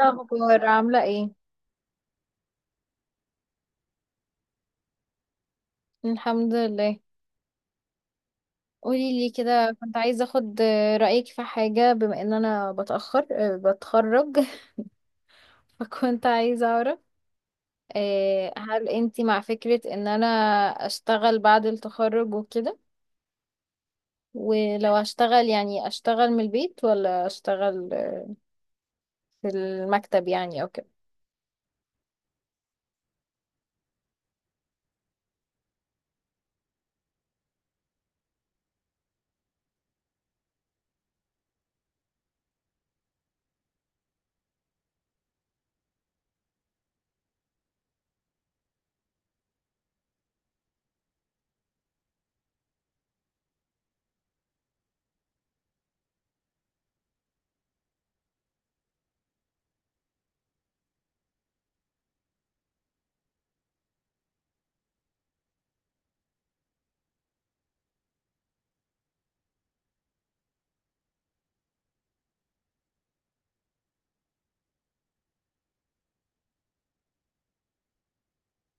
الأخبار عاملة ايه؟ الحمد لله. قولي لي كده، كنت عايزة اخد رأيك في حاجة، بما ان انا بتأخر بتخرج. فكنت عايزة اعرف هل انتي مع فكرة ان انا اشتغل بعد التخرج وكده، ولو هشتغل يعني اشتغل من البيت ولا اشتغل في المكتب يعني او كده.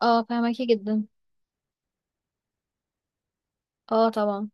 اه، فهمكي جدا. اه طبعا.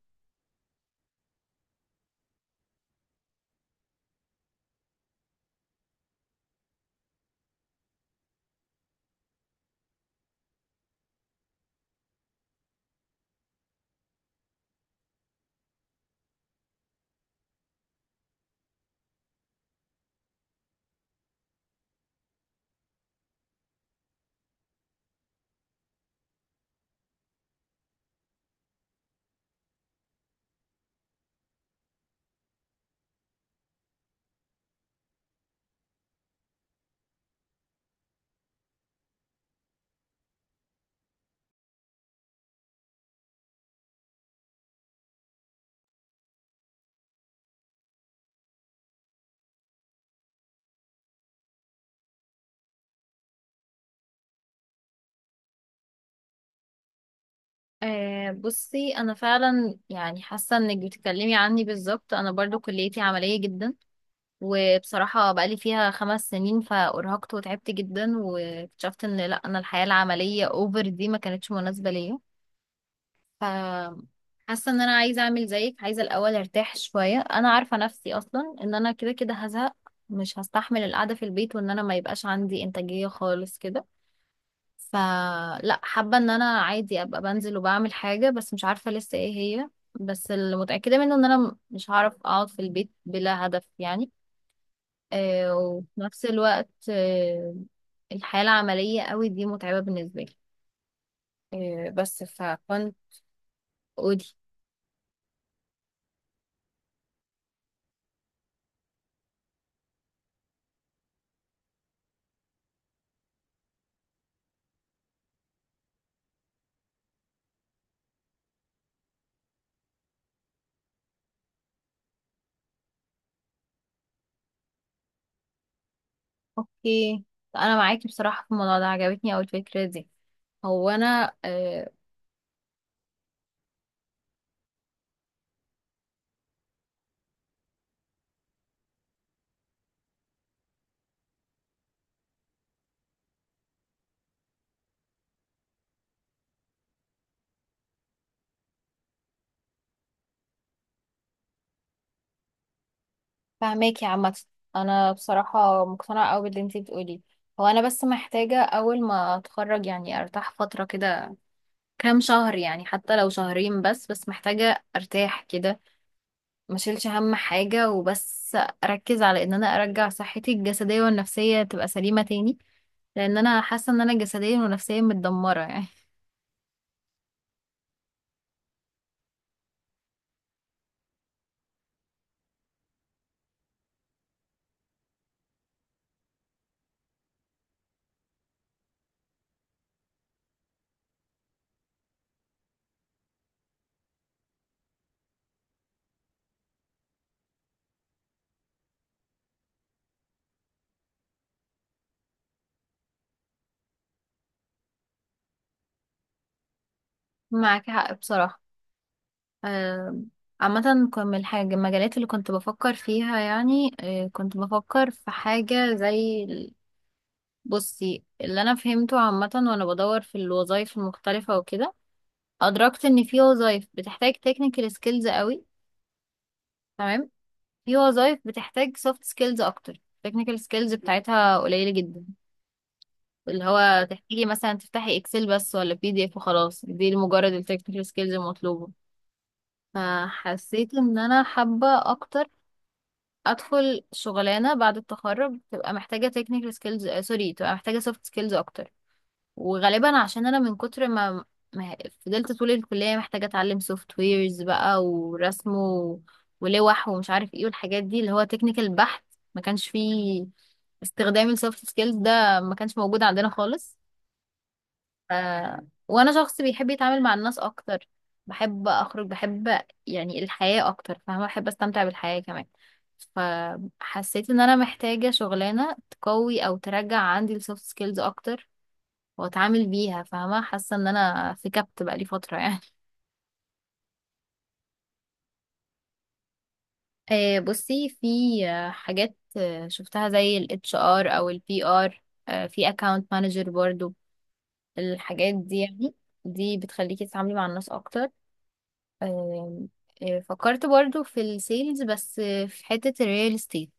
بصي، انا فعلا يعني حاسه انك بتتكلمي عني بالظبط، انا برضو كليتي عمليه جدا، وبصراحة بقالي فيها خمس سنين فأرهقت وتعبت جدا، واكتشفت ان لا، انا الحياة العملية اوفر دي ما كانتش مناسبة ليا. ف حاسة ان انا عايزة اعمل زيك، عايزة الاول ارتاح شوية. انا عارفة نفسي اصلا ان انا كده كده هزهق، مش هستحمل القعدة في البيت، وان انا ما يبقاش عندي انتاجية خالص كده. فلا، حابة ان انا عادي ابقى بنزل وبعمل حاجة، بس مش عارفة لسه ايه هي. بس اللي متأكدة منه ان انا مش هعرف اقعد في البيت بلا هدف يعني. وفي نفس الوقت الحياة العملية قوي دي متعبة بالنسبة لي. آه، بس فكنت قولي. اوكي، انا معاكي بصراحة في الموضوع ده، عجبتني اوي الفكرة دي. هو انا آه، فاهماكي عامة. انا بصراحة مقتنعة اوي باللي انتي بتقوليه، هو انا بس محتاجة اول ما اتخرج يعني ارتاح فترة كده، كام شهر يعني، حتى لو شهرين بس، بس محتاجة ارتاح كده، ما شيلش هم حاجة وبس، اركز على ان انا ارجع صحتي الجسدية والنفسية تبقى سليمة تاني، لان انا حاسة ان انا جسديا ونفسيا متدمرة يعني. معاك حق بصراحة. آم، عامة كان من الحاجة المجالات اللي كنت بفكر فيها يعني، كنت بفكر في حاجة زي بصي، اللي أنا فهمته عامة وأنا بدور في الوظائف المختلفة وكده، أدركت إن في وظائف بتحتاج technical skills قوي، تمام، في وظائف بتحتاج سوفت سكيلز اكتر، التكنيكال سكيلز بتاعتها قليلة جدا، اللي هو تحتاجي مثلا تفتحي اكسل بس ولا بي دي اف وخلاص، دي مجرد التكنيكال سكيلز المطلوبة. فحسيت ان انا حابة اكتر ادخل شغلانة بعد التخرج تبقى محتاجة تكنيكال سكيلز، سوري، تبقى محتاجة سوفت سكيلز اكتر. وغالبا عشان انا من كتر ما فضلت طول الكلية محتاجة اتعلم سوفت ويرز بقى ورسم ولوح ومش عارف ايه، والحاجات دي اللي هو تكنيكال بحت، ما كانش فيه استخدام السوفت سكيلز، ده ما كانش موجود عندنا خالص. ف... وانا شخص بيحب يتعامل مع الناس اكتر، بحب اخرج، بحب يعني الحياة اكتر، فاهمة، بحب استمتع بالحياة كمان. فحسيت ان انا محتاجة شغلانة تقوي او ترجع عندي السوفت سكيلز اكتر واتعامل بيها، فاهمة، حاسة ان انا في كبت بقالي فترة يعني. بصي، في حاجات شفتها زي ال HR او ال PR، في account manager برضو، الحاجات دي يعني، دي بتخليكي تتعاملي مع الناس اكتر. آه، فكرت برضو في السيلز، بس في حتة الريال استيت.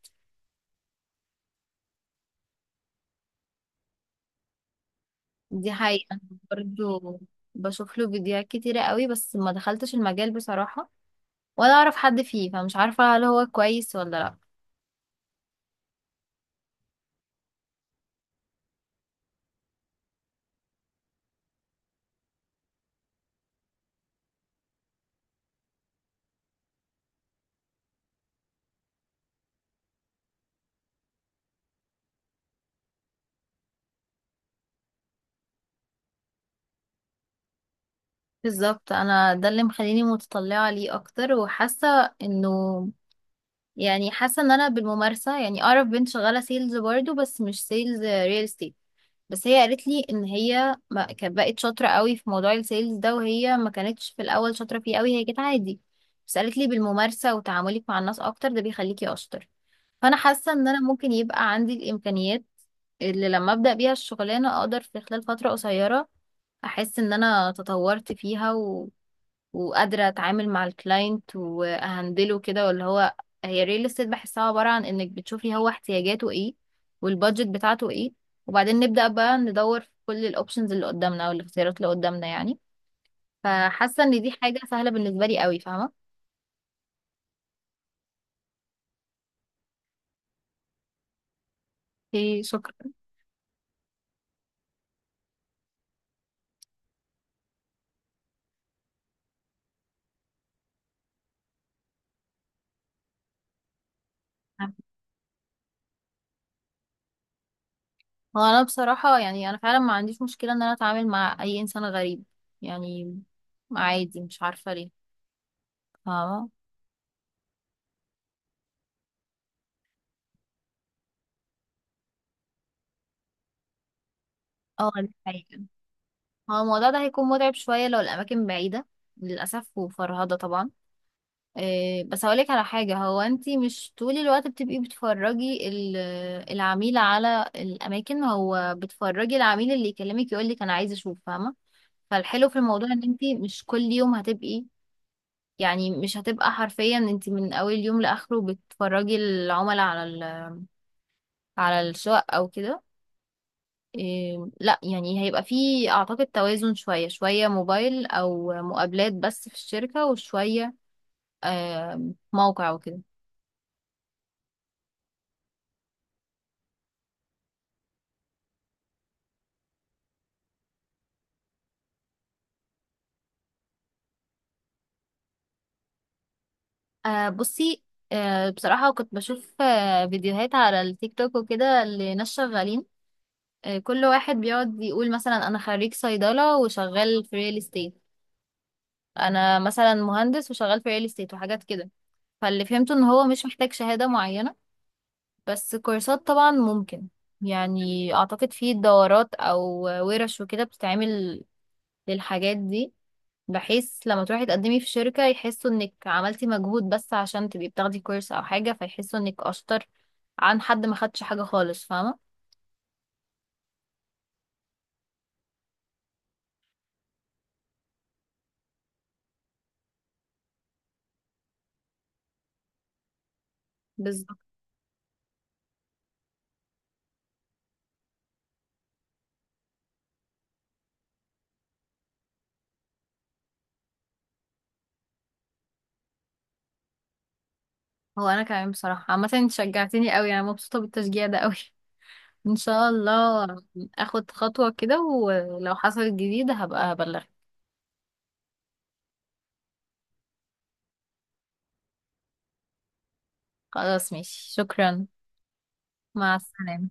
دي حقيقة. برضو بشوف له فيديوهات كتيرة قوي، بس ما دخلتش المجال بصراحة ولا اعرف حد فيه، فمش عارفة هل هو كويس ولا لا. بالظبط، انا ده اللي مخليني متطلعه ليه اكتر، وحاسه انه يعني حاسه ان انا بالممارسه يعني. اعرف بنت شغاله سيلز برضو، بس مش سيلز ريل استيت، بس هي قالت لي ان هي ما كانت بقت شاطره قوي في موضوع السيلز ده، وهي ما كانتش في الاول شاطره فيه قوي، هي كانت عادي، بس قالت لي بالممارسه وتعاملك مع الناس اكتر ده بيخليكي اشطر. فانا حاسه ان انا ممكن يبقى عندي الامكانيات، اللي لما ابدا بيها الشغلانه اقدر في خلال فتره قصيره احس ان انا تطورت فيها، وقادرة اتعامل مع الكلاينت واهندله كده ولا هو. هي الريل استيت بحسها عبارة عن انك بتشوفي هو احتياجاته ايه، والبادجت بتاعته ايه، وبعدين نبدأ بقى ندور في كل الاوبشنز اللي قدامنا او الاختيارات اللي قدامنا يعني. فحاسة ان دي حاجة سهلة بالنسبة لي قوي، فاهمة. اوكي، شكرا. هو انا بصراحة يعني انا فعلا ما عنديش مشكلة ان انا اتعامل مع اي انسان غريب يعني، عادي، مش عارفة ليه، فاهمة. اه دي حقيقة. هو الموضوع ده هيكون متعب شوية لو الأماكن بعيدة للأسف، وفرهدة طبعا. إيه، بس هقولك على حاجة، هو انتي مش طول الوقت بتبقي بتفرجي العميل على الأماكن، هو بتفرجي العميل اللي يكلمك يقولك أنا عايز أشوف، فاهمة. فالحلو في الموضوع إن انتي مش كل يوم هتبقي، يعني مش هتبقى حرفيا انتي من أول يوم لآخره بتفرجي العملاء على على الشقق أو كده. إيه لا، يعني هيبقى فيه اعتقد توازن، شوية شوية موبايل او مقابلات بس في الشركة، وشوية آه موقع وكده. بصي، بصراحة كنت بشوف فيديوهات على التيك توك وكده لناس شغالين. كل واحد بيقعد يقول مثلا انا خريج صيدلة وشغال في ريل استيت، انا مثلا مهندس وشغال في ريل استيت وحاجات كده. فاللي فهمته ان هو مش محتاج شهادة معينة، بس كورسات طبعا ممكن، يعني اعتقد في دورات او ورش وكده بتتعمل للحاجات دي، بحيث لما تروحي تقدمي في شركة يحسوا انك عملتي مجهود، بس عشان تبقي بتاخدي كورس او حاجة فيحسوا انك اشطر عن حد ما خدش حاجة خالص، فاهمة. بالظبط. هو انا كمان بصراحة عامة انت شجعتيني قوي، انا مبسوطة بالتشجيع ده قوي. ان شاء الله اخد خطوة كده، ولو حصلت جديدة هبقى هبلغك. خلاص ماشي، شكرا. مع السلامة.